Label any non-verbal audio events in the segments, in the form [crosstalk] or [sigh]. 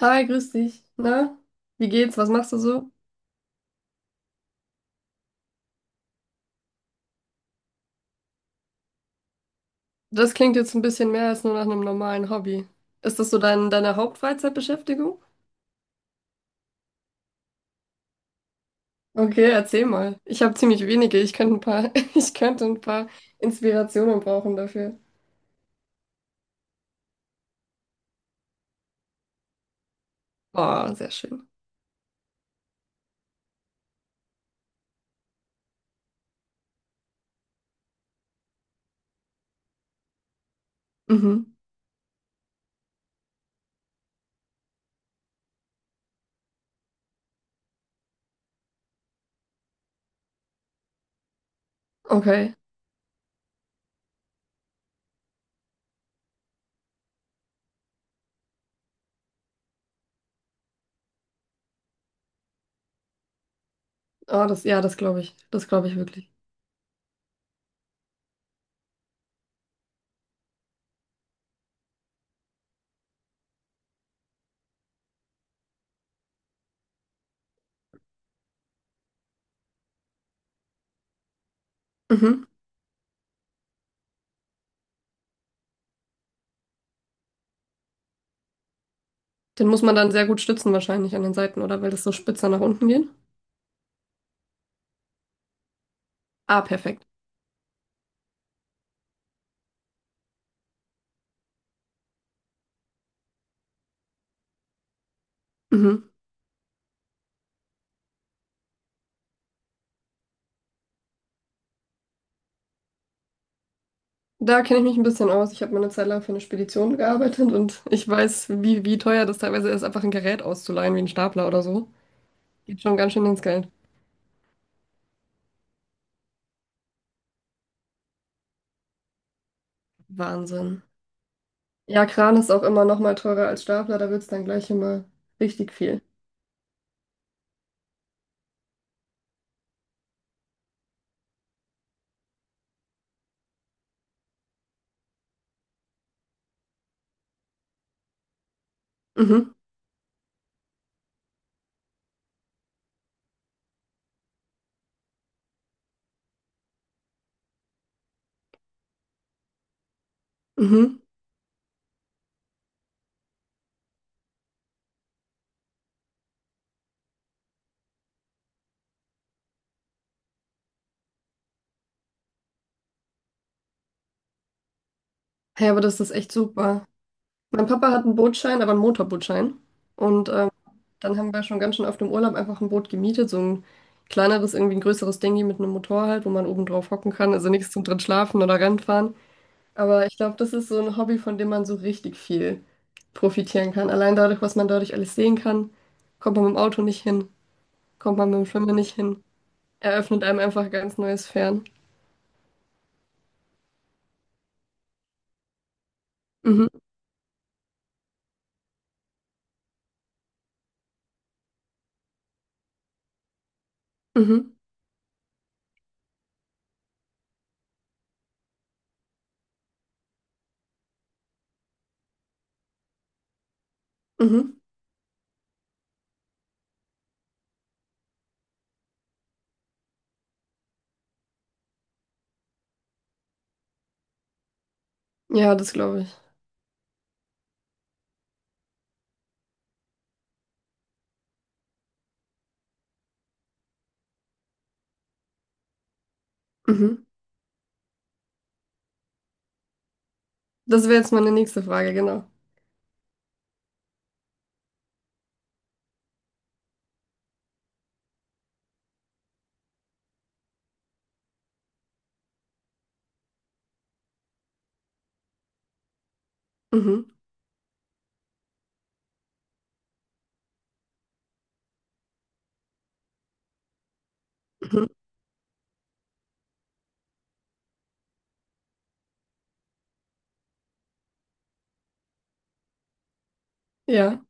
Hi, grüß dich. Na, wie geht's? Was machst du so? Das klingt jetzt ein bisschen mehr als nur nach einem normalen Hobby. Ist das so deine Hauptfreizeitbeschäftigung? Okay, erzähl mal. Ich habe ziemlich wenige. Ich könnte ein paar, [laughs] Ich könnte ein paar Inspirationen brauchen dafür. Oh, sehr schön. Mhm. Okay. Oh, das, ja, das glaube ich. Das glaube ich wirklich. Mhm. Den muss man dann sehr gut stützen wahrscheinlich an den Seiten, oder? Weil das so spitzer nach unten geht. Ah, perfekt. Mhm. Da kenne ich mich ein bisschen aus. Ich habe mal eine Zeit lang für eine Spedition gearbeitet und ich weiß, wie teuer das teilweise ist, einfach ein Gerät auszuleihen, wie ein Stapler oder so. Geht schon ganz schön ins Geld. Wahnsinn. Ja, Kran ist auch immer noch mal teurer als Stapler, da wird es dann gleich immer richtig viel. Mhm, mhm. Hey, aber das ist echt super. Mein Papa hat einen Bootschein, aber einen Motorbootschein. Und dann haben wir schon ganz schön auf dem Urlaub einfach ein Boot gemietet, so ein kleineres, irgendwie ein größeres Dingi mit einem Motor halt, wo man oben drauf hocken kann. Also nichts zum drin schlafen oder Rennen fahren. Aber ich glaube, das ist so ein Hobby, von dem man so richtig viel profitieren kann. Allein dadurch, was man dadurch alles sehen kann, kommt man mit dem Auto nicht hin, kommt man mit dem Schwimmen nicht hin. Eröffnet einem einfach ein ganz neues Fern. Mhm, mhm, mhm. Ja, das glaube ich. Mhm. Das wäre jetzt meine nächste Frage, genau. Mhm, mhm. Ja,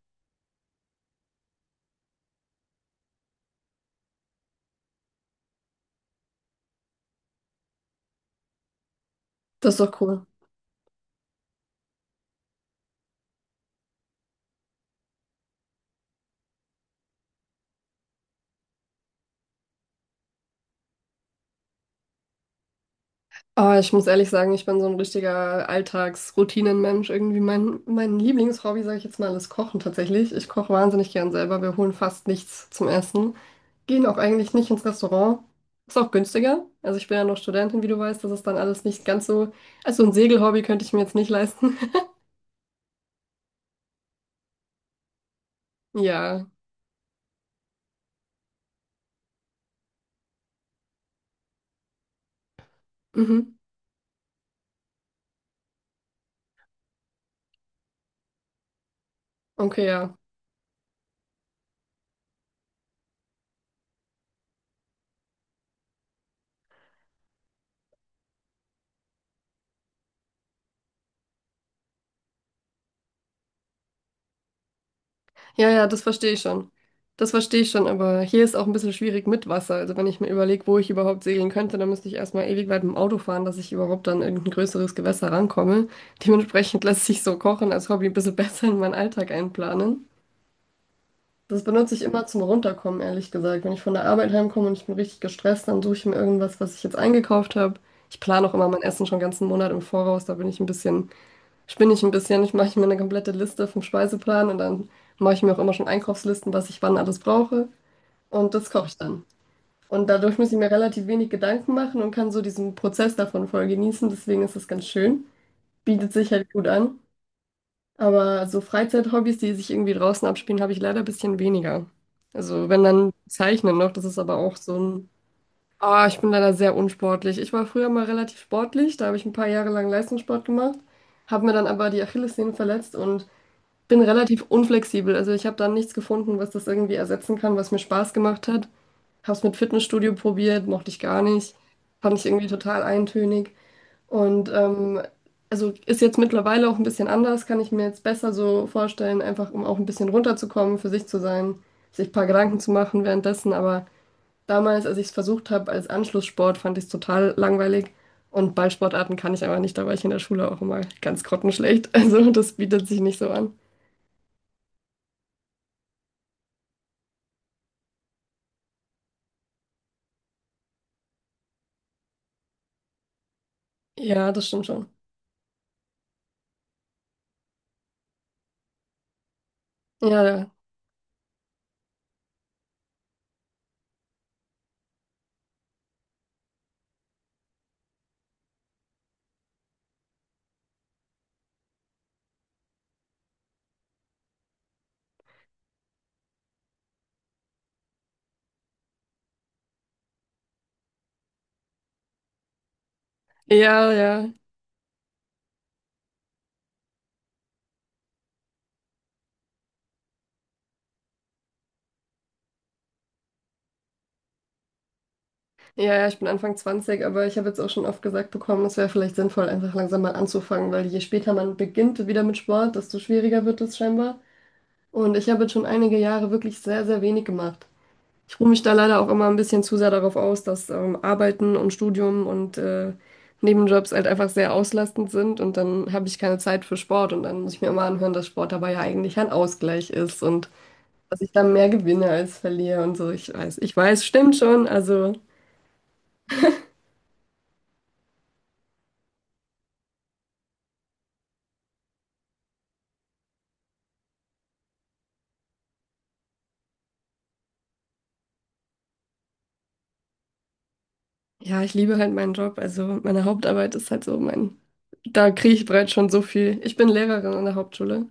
das ist doch cool. Aber ich muss ehrlich sagen, ich bin so ein richtiger Alltagsroutinenmensch. Irgendwie mein Lieblingshobby, sage ich jetzt mal, ist Kochen tatsächlich. Ich koche wahnsinnig gern selber. Wir holen fast nichts zum Essen, gehen auch eigentlich nicht ins Restaurant. Ist auch günstiger. Also ich bin ja noch Studentin, wie du weißt, das ist dann alles nicht ganz so. Also ein Segelhobby könnte ich mir jetzt nicht leisten. [laughs] Ja. Mhm. Okay, ja. Ja, ja, das verstehe ich schon. Das verstehe ich schon, aber hier ist auch ein bisschen schwierig mit Wasser. Also wenn ich mir überlege, wo ich überhaupt segeln könnte, dann müsste ich erstmal ewig weit mit dem Auto fahren, dass ich überhaupt an irgendein größeres Gewässer rankomme. Dementsprechend lässt sich so Kochen als Hobby ein bisschen [laughs] besser in meinen Alltag einplanen. Das benutze ich immer zum Runterkommen, ehrlich gesagt. Wenn ich von der Arbeit heimkomme und ich bin richtig gestresst, dann suche ich mir irgendwas, was ich jetzt eingekauft habe. Ich plane auch immer mein Essen schon ganzen Monat im Voraus. Da bin ich ein spinne ich ein bisschen. Ich mache mir eine komplette Liste vom Speiseplan und dann mache ich mir auch immer schon Einkaufslisten, was ich wann alles brauche. Und das koche ich dann. Und dadurch muss ich mir relativ wenig Gedanken machen und kann so diesen Prozess davon voll genießen. Deswegen ist das ganz schön. Bietet sich halt gut an. Aber so Freizeithobbys, die sich irgendwie draußen abspielen, habe ich leider ein bisschen weniger. Also wenn dann Zeichnen noch, das ist aber auch so ein... Ah, ich bin leider sehr unsportlich. Ich war früher mal relativ sportlich, da habe ich ein paar Jahre lang Leistungssport gemacht, habe mir dann aber die Achillessehne verletzt und bin relativ unflexibel. Also ich habe dann nichts gefunden, was das irgendwie ersetzen kann, was mir Spaß gemacht hat. Habe es mit Fitnessstudio probiert, mochte ich gar nicht. Fand ich irgendwie total eintönig. Und also ist jetzt mittlerweile auch ein bisschen anders, kann ich mir jetzt besser so vorstellen, einfach um auch ein bisschen runterzukommen, für sich zu sein, sich ein paar Gedanken zu machen währenddessen. Aber damals, als ich es versucht habe als Anschlusssport, fand ich es total langweilig. Und Ballsportarten kann ich aber nicht, da war ich in der Schule auch immer ganz grottenschlecht. [laughs] Also das bietet sich nicht so an. Ja, das stimmt schon. Ja, ja, ja, ja. Ja, ja, ich bin Anfang 20, aber ich habe jetzt auch schon oft gesagt bekommen, es wäre vielleicht sinnvoll, einfach langsam mal anzufangen, weil je später man beginnt wieder mit Sport, desto schwieriger wird es scheinbar. Und ich habe jetzt schon einige Jahre wirklich sehr, sehr wenig gemacht. Ich ruhe mich da leider auch immer ein bisschen zu sehr darauf aus, dass Arbeiten und Studium und Nebenjobs halt einfach sehr auslastend sind und dann habe ich keine Zeit für Sport und dann muss ich mir immer anhören, dass Sport dabei ja eigentlich ein Ausgleich ist und dass ich dann mehr gewinne als verliere und so. Ich weiß, stimmt schon, also. Ja, ich liebe halt meinen Job. Also meine Hauptarbeit ist halt so mein, da kriege ich bereits schon so viel. Ich bin Lehrerin an der Hauptschule.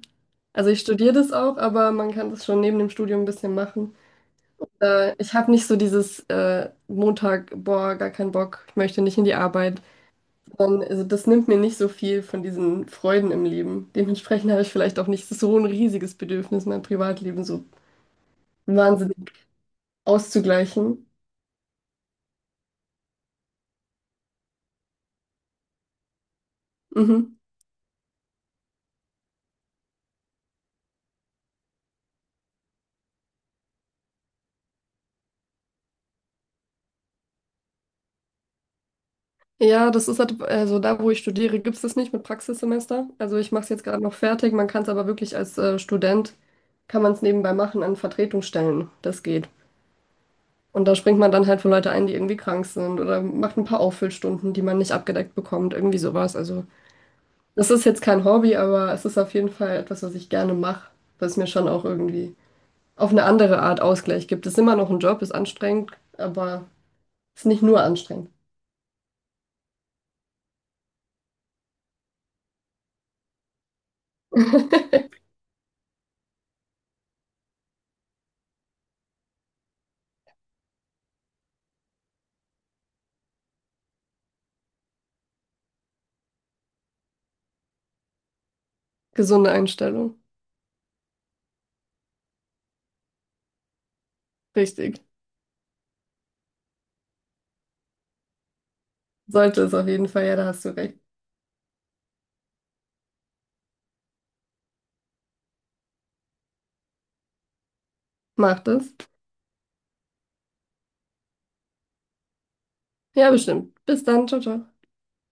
Also ich studiere das auch, aber man kann das schon neben dem Studium ein bisschen machen. Da, ich habe nicht so dieses Montag, boah, gar keinen Bock, ich möchte nicht in die Arbeit. Sondern, also das nimmt mir nicht so viel von diesen Freuden im Leben. Dementsprechend habe ich vielleicht auch nicht so ein riesiges Bedürfnis, mein Privatleben so wahnsinnig auszugleichen. Mhm. Ja, das ist halt, also da, wo ich studiere, gibt es das nicht mit Praxissemester. Also ich mache es jetzt gerade noch fertig. Man kann es aber wirklich als Student, kann man es nebenbei machen an Vertretungsstellen. Das geht. Und da springt man dann halt für Leute ein, die irgendwie krank sind oder macht ein paar Auffüllstunden, die man nicht abgedeckt bekommt, irgendwie sowas. Also das ist jetzt kein Hobby, aber es ist auf jeden Fall etwas, was ich gerne mache, was mir schon auch irgendwie auf eine andere Art Ausgleich gibt. Es ist immer noch ein Job, ist anstrengend, aber es ist nicht nur anstrengend. [laughs] Gesunde Einstellung. Richtig. Sollte es auf jeden Fall, ja, da hast du recht. Macht es. Ja, bestimmt. Bis dann, ciao, ciao.